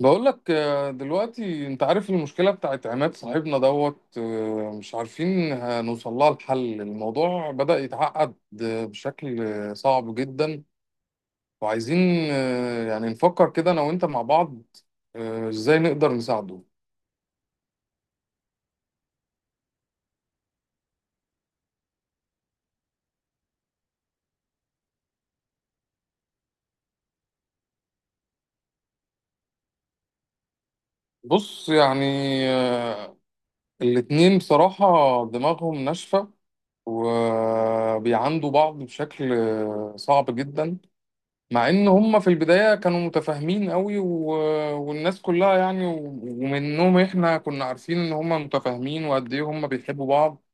بقول لك، دلوقتي انت عارف المشكله بتاعت عماد صاحبنا دوت. مش عارفين هنوصل لها الحل. الموضوع بدأ يتعقد بشكل صعب جدا. وعايزين يعني نفكر كده انا وانت مع بعض ازاي نقدر نساعده. بص يعني، آه، الاتنين بصراحه دماغهم ناشفه، وبيعاندوا بعض بشكل صعب جدا. مع ان هم في البداية كانوا متفاهمين قوي والناس كلها يعني، ومنهم احنا كنا عارفين ان هم متفاهمين وقد ايه هم بيحبوا بعض.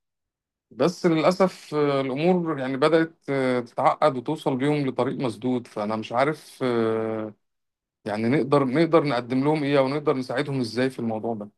بس للأسف الأمور يعني بدأت تتعقد وتوصل بيهم لطريق مسدود. فأنا مش عارف يعني نقدر نقدم لهم إيه، أو نقدر نساعدهم إزاي في الموضوع ده.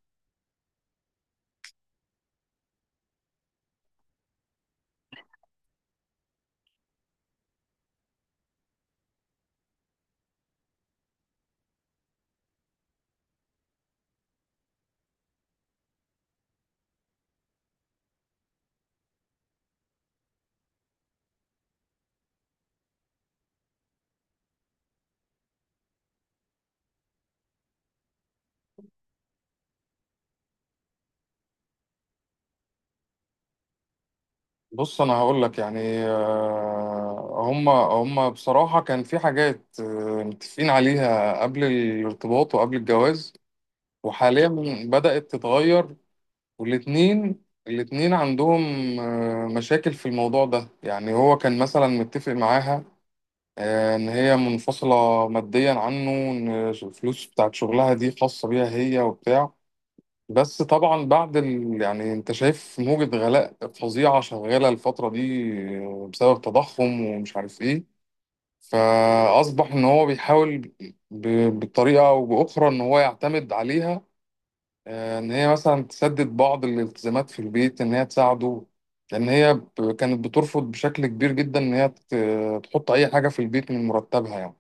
بص أنا هقول لك يعني، هم بصراحة كان في حاجات متفقين عليها قبل الارتباط وقبل الجواز. وحاليا بدأت تتغير، والاتنين عندهم مشاكل في الموضوع ده. يعني هو كان مثلا متفق معاها إن هي منفصلة ماديا عنه، إن الفلوس بتاعت شغلها دي خاصة بيها هي وبتاع. بس طبعا بعد يعني انت شايف موجة غلاء فظيعة شغالة الفترة دي بسبب تضخم ومش عارف ايه. فأصبح ان هو بيحاول ب... بطريقة او بأخرى ان هو يعتمد عليها، ان هي مثلا تسدد بعض الالتزامات في البيت، ان هي تساعده. لان هي كانت بترفض بشكل كبير جدا ان هي تحط اي حاجه في البيت من مرتبها يعني.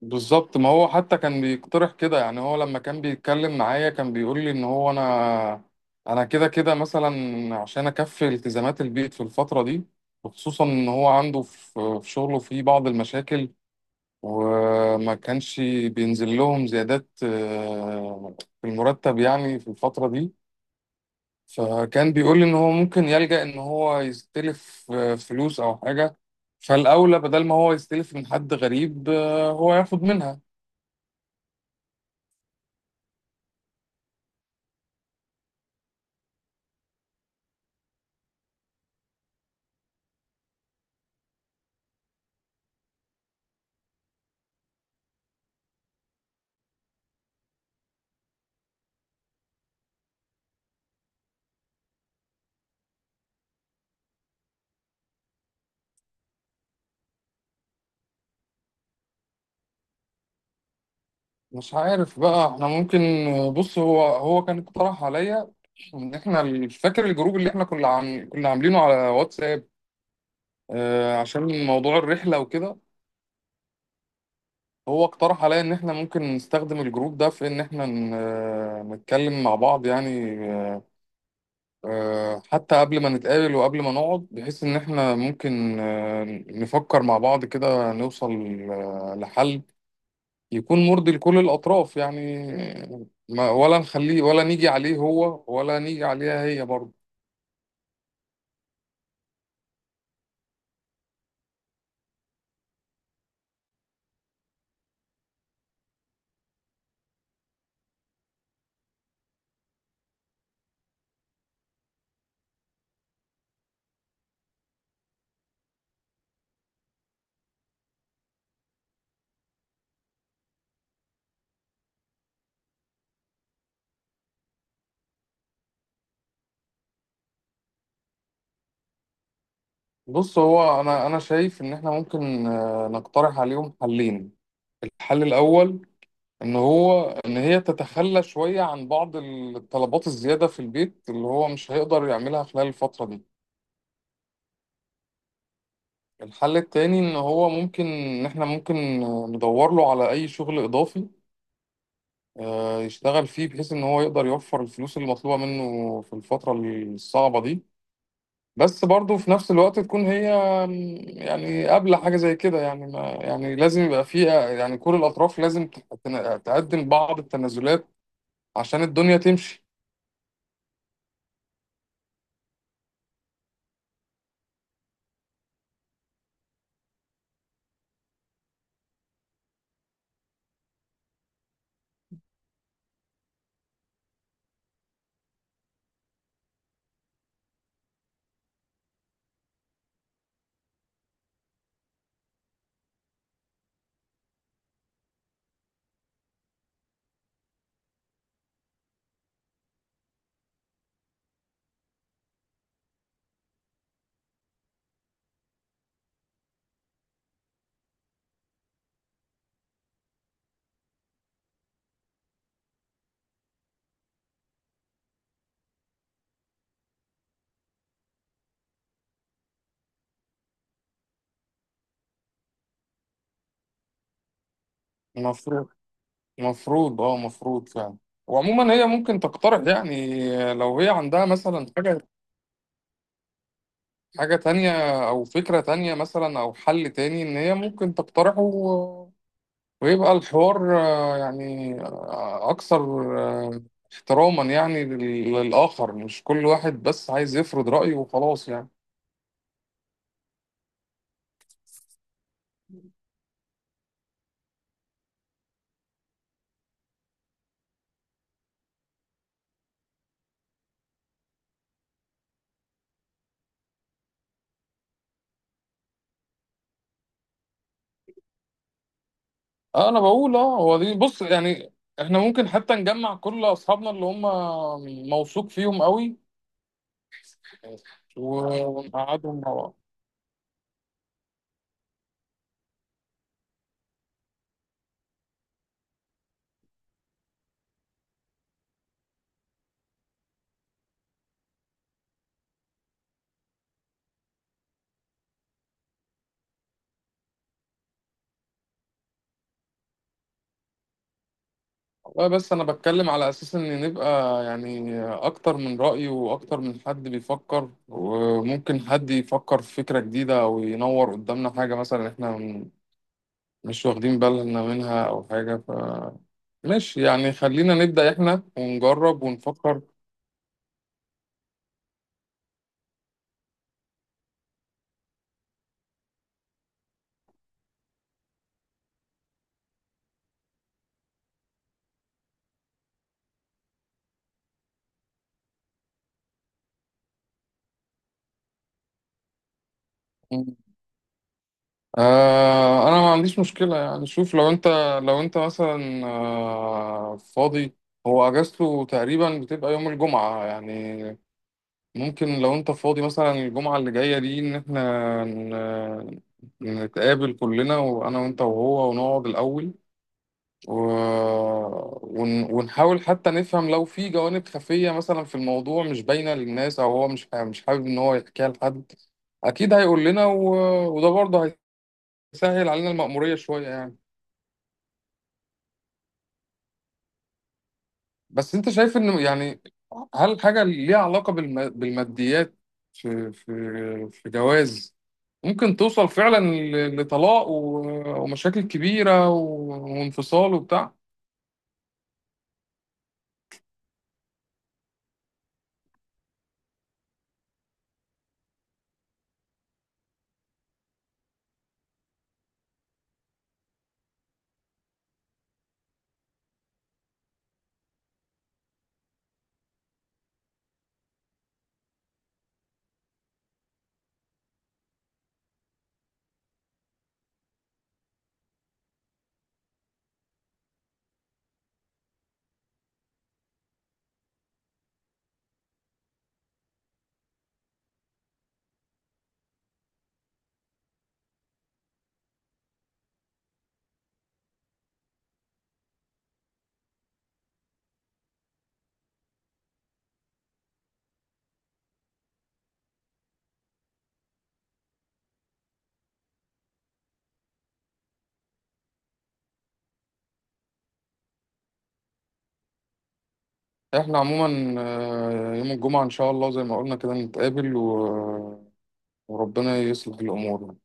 بالظبط، ما هو حتى كان بيقترح كده. يعني هو لما كان بيتكلم معايا كان بيقول لي ان هو، انا انا كده كده مثلا، عشان اكفي التزامات البيت في الفتره دي، وخصوصا ان هو عنده في شغله في بعض المشاكل، وما كانش بينزل لهم زيادات في المرتب يعني في الفتره دي. فكان بيقول لي ان هو ممكن يلجأ ان هو يستلف فلوس او حاجة. فالاولى بدل ما هو يستلف من حد غريب هو ياخد منها. مش عارف بقى احنا ممكن بص هو كان اقترح عليا، ان احنا فاكر الجروب اللي احنا كنا عاملينه على واتساب عشان موضوع الرحلة وكده. هو اقترح عليا ان احنا ممكن نستخدم الجروب ده في ان احنا نتكلم مع بعض يعني، حتى قبل ما نتقابل وقبل ما نقعد، بحيث إن إحنا ممكن نفكر مع بعض كده نوصل لحل يكون مرضي لكل الأطراف يعني، ما ولا نخليه ولا نيجي عليه هو ولا نيجي عليها هي برضه. بص هو، أنا شايف إن إحنا ممكن نقترح عليهم حلين. الحل الأول، إن هو إن هي تتخلى شوية عن بعض الطلبات الزيادة في البيت اللي هو مش هيقدر يعملها خلال الفترة دي. الحل التاني، ان هو ممكن ان احنا ممكن ندور له على اي شغل اضافي يشتغل فيه بحيث ان هو يقدر يوفر الفلوس اللي مطلوبة منه في الفترة الصعبة دي. بس برضه في نفس الوقت تكون هي يعني قابلة حاجة زي كده. يعني ما يعني لازم يبقى فيه يعني، كل الأطراف لازم تقدم بعض التنازلات عشان الدنيا تمشي. المفروض المفروض فعلا. وعموما هي ممكن تقترح يعني لو هي عندها مثلا حاجة، حاجة تانية، أو فكرة تانية مثلا، أو حل تاني إن هي ممكن تقترحه ويبقى الحوار يعني أكثر آه، احتراما يعني للآخر، مش كل واحد بس عايز يفرض رأيه وخلاص يعني. أنا بقول هو دي، بص يعني إحنا ممكن حتى نجمع كل أصحابنا اللي هم موثوق فيهم قوي ونقعدهم مع بعض. والله بس انا بتكلم على اساس ان نبقى يعني اكتر من رأي واكتر من حد بيفكر، وممكن حد يفكر في فكرة جديدة او ينور قدامنا حاجة مثلا احنا مش واخدين بالنا منها او حاجة. فماشي يعني، خلينا نبدأ احنا ونجرب ونفكر. انا ما عنديش مشكلة يعني. شوف لو انت مثلا فاضي. هو اجازته تقريبا بتبقى يوم الجمعة يعني. ممكن لو انت فاضي مثلا الجمعة اللي جاية دي، ان احنا نتقابل كلنا، وانا وانت وهو، ونقعد الاول و... ونحاول حتى نفهم لو في جوانب خفية مثلا في الموضوع مش باينة للناس، او هو مش مش حابب ان هو يحكيها لحد. اكيد هيقول لنا وده برضه هيسهل علينا المأمورية شوية يعني. بس انت شايف ان يعني، هل حاجه ليها علاقه بالماديات في في جواز، ممكن توصل فعلا لطلاق ومشاكل كبيره وانفصال وبتاع؟ احنا عموما يوم الجمعه ان شاء الله زي ما قلنا كده نتقابل وربنا يصلح الامور.